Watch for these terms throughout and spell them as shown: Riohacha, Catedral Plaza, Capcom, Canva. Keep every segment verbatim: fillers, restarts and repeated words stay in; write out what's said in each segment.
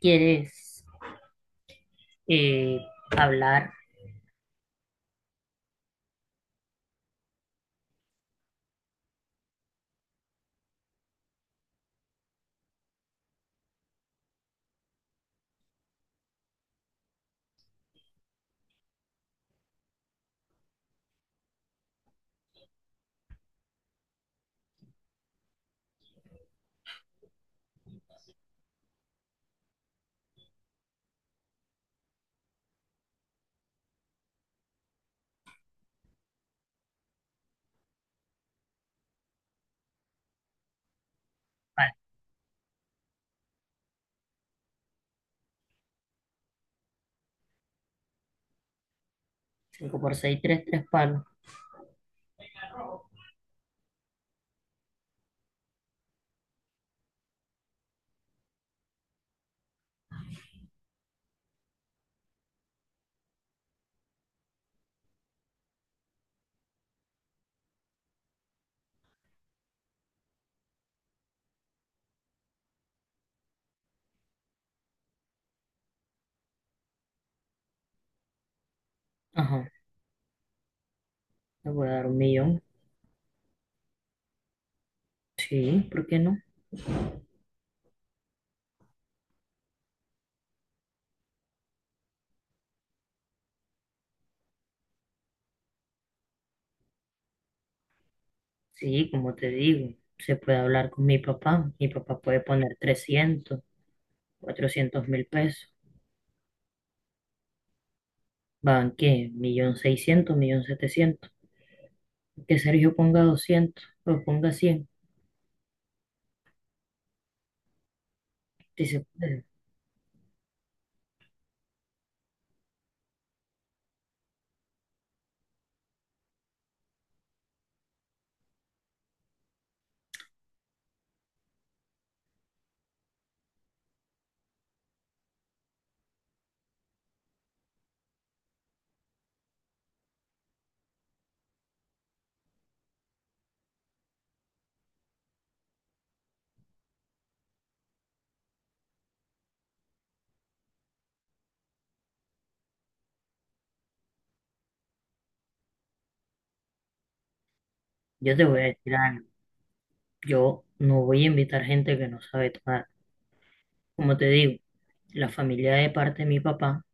¿Quieres eh, hablar? Vale, cinco por seis, tres, tres palos. Ajá, te voy a dar un millón. Sí, ¿por qué no? Sí, como te digo, se puede hablar con mi papá. Mi papá puede poner trescientos, cuatrocientos mil pesos. ¿Van qué? Millón seiscientos, millón setecientos. Que Sergio ponga doscientos, o ponga cien. Si se puede. Yo te voy a decir algo. Yo no voy a invitar gente que no sabe tomar. Como te digo, la familia de parte de mi papá,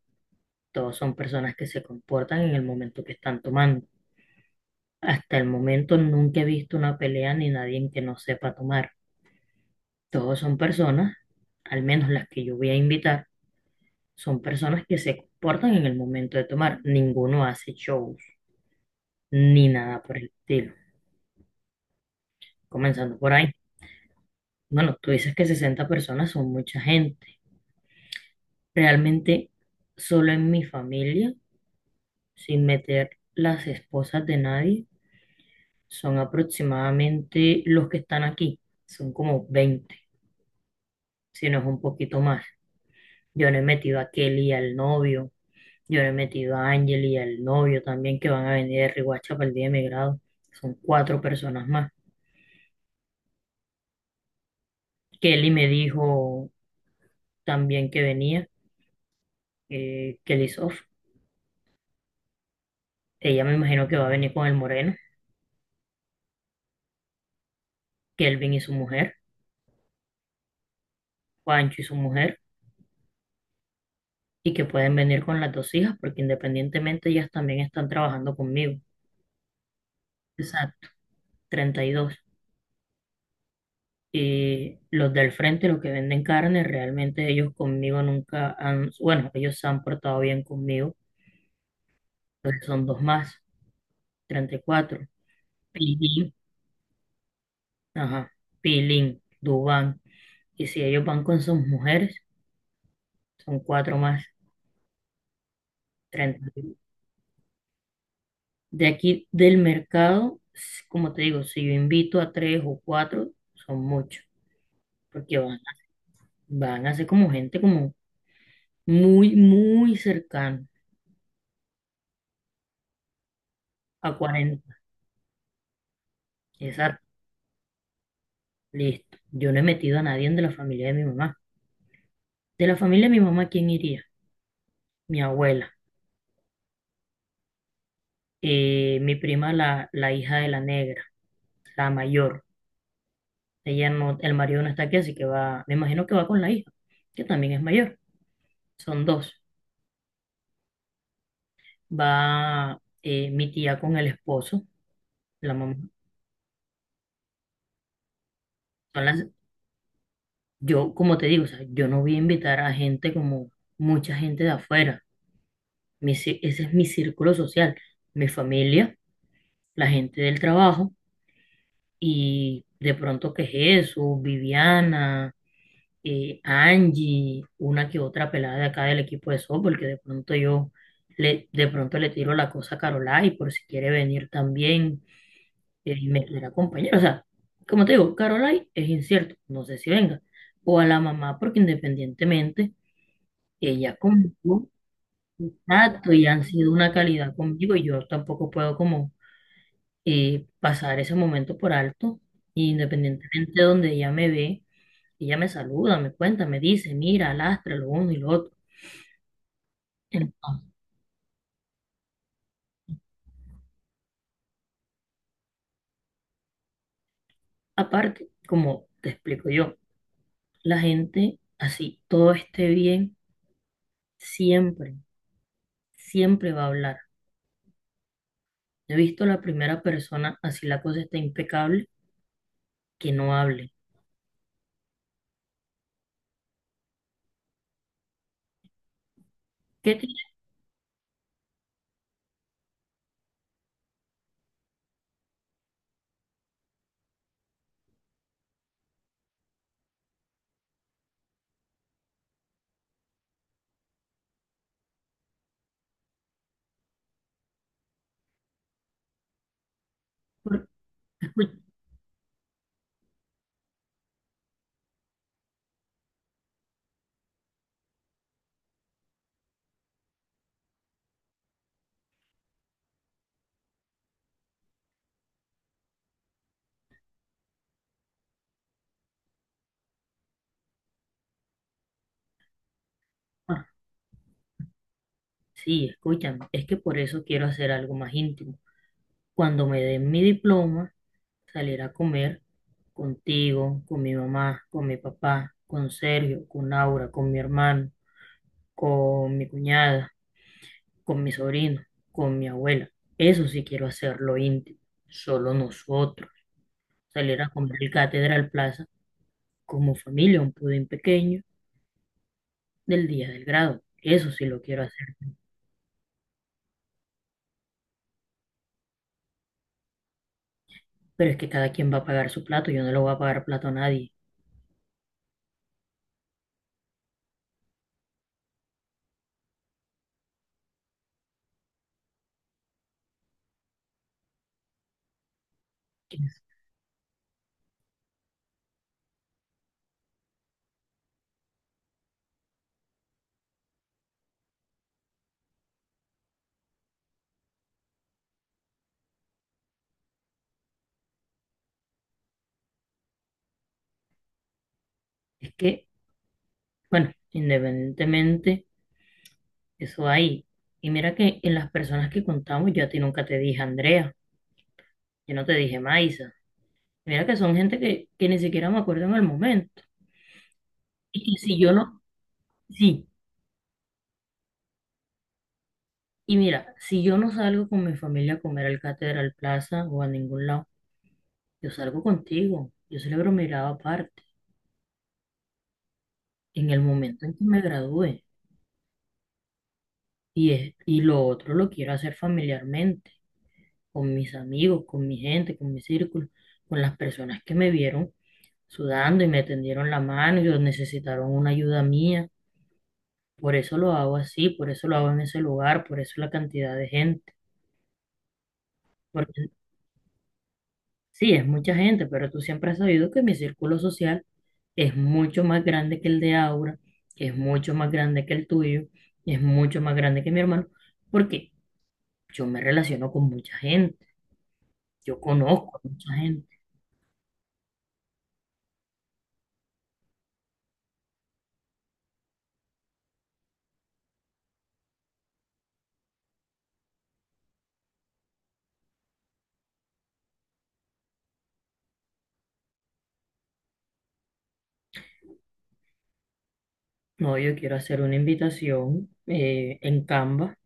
todos son personas que se comportan en el momento que están tomando. Hasta el momento nunca he visto una pelea ni nadie en que no sepa tomar. Todos son personas, al menos las que yo voy a invitar, son personas que se comportan en el momento de tomar. Ninguno hace shows ni nada por el estilo. Comenzando por ahí. Bueno, tú dices que sesenta personas son mucha gente. Realmente, solo en mi familia, sin meter las esposas de nadie, son aproximadamente los que están aquí, son como veinte, si no es un poquito más. Yo no he metido a Kelly y al novio, yo no he metido a Ángel y al novio también, que van a venir de Riohacha para el día de mi grado, son cuatro personas más. Kelly me dijo también que venía, eh, Kelly Sof, ella, me imagino que va a venir con el moreno, Kelvin y su mujer, Juancho y su mujer, y que pueden venir con las dos hijas porque independientemente ellas también están trabajando conmigo. Exacto, treinta y dos. Y los del frente, los que venden carne, realmente ellos conmigo nunca han, bueno, ellos se han portado bien conmigo, pero son dos más, treinta y cuatro. Pilín, ajá, Pilín, Dubán. Y si ellos van con sus mujeres, son cuatro más, treinta. De aquí del mercado, s- como te digo, si yo invito a tres o cuatro, son muchos, porque van, van a ser como gente como muy, muy cercana a cuarenta. Exacto. Listo. Yo no he metido a nadie de la familia de mi mamá. De la familia de mi mamá, ¿quién iría? Mi abuela, eh, mi prima, la, la hija de la negra, la mayor. Ella no, el marido no está aquí, así que va, me imagino que va con la hija, que también es mayor. Son dos. Va, eh, mi tía con el esposo, la mamá. Son las- yo, como te digo, o sea, yo no voy a invitar a gente como mucha gente de afuera. Mi ci- ese es mi círculo social, mi familia, la gente del trabajo. Y de pronto que Jesús, Viviana, eh, Angie, una que otra pelada de acá del equipo de softball, que de pronto yo le, de pronto le tiro la cosa a Carolai por si quiere venir también eh, y me quiere acompañar. O sea, como te digo, Carolai es incierto, no sé si venga. O a la mamá, porque independientemente, ella conmigo, exacto, y han sido una calidad conmigo, y yo tampoco puedo como eh, pasar ese momento por alto, y independientemente de donde ella me ve. Y ella me saluda, me cuenta, me dice, mira, lastra lo uno y lo otro. Entonces, aparte, como te explico yo, la gente así, todo esté bien, siempre, siempre va a hablar. He visto la primera persona, así la cosa está impecable, que no hable. ¿Qué tienes por qué escuchar? Sí, escúchame, es que por eso quiero hacer algo más íntimo. Cuando me den mi diploma, salir a comer contigo, con mi mamá, con mi papá, con Sergio, con Aura, con mi hermano, con mi cuñada, con mi sobrino, con mi abuela. Eso sí quiero hacerlo íntimo, solo nosotros. Salir a comer el Catedral Plaza como familia, un pudín pequeño del día del grado. Eso sí lo quiero hacer. Pero es que cada quien va a pagar su plato, yo no le voy a pagar plato a nadie. Es es que, bueno, independientemente, eso hay. Y mira que en las personas que contamos, yo a ti nunca te dije Andrea, yo no te dije Maisa. Mira que son gente que, que ni siquiera me acuerdo en el momento. Y que si yo no, Sí, y mira, si yo no salgo con mi familia a comer al Catedral Plaza o a ningún lado, yo salgo contigo, yo celebro mi grado aparte, en el momento en que me gradúe, y, es- y lo otro lo quiero hacer familiarmente, con mis amigos, con mi gente, con mi círculo, con las personas que me vieron sudando y me tendieron la mano y o necesitaron una ayuda mía, por eso lo hago así, por eso lo hago en ese lugar, por eso la cantidad de gente, porque sí, es mucha gente, pero tú siempre has sabido que mi círculo social es mucho más grande que el de Aura, es mucho más grande que el tuyo, es mucho más grande que mi hermano, porque yo me relaciono con mucha gente, yo conozco a mucha gente. No, yo quiero hacer una invitación eh, en Canva,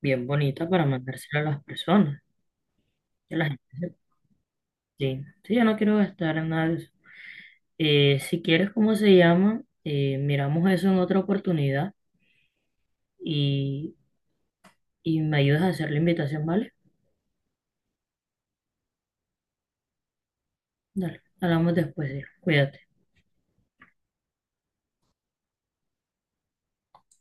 bien bonita, para mandársela a las personas. a la gente- sí, sí, yo no quiero gastar en nada de eso. Eh, si quieres, ¿cómo se llama? Eh, miramos eso en otra oportunidad y, y me ayudas a hacer la invitación, ¿vale? Dale, hablamos después, sí. Cuídate.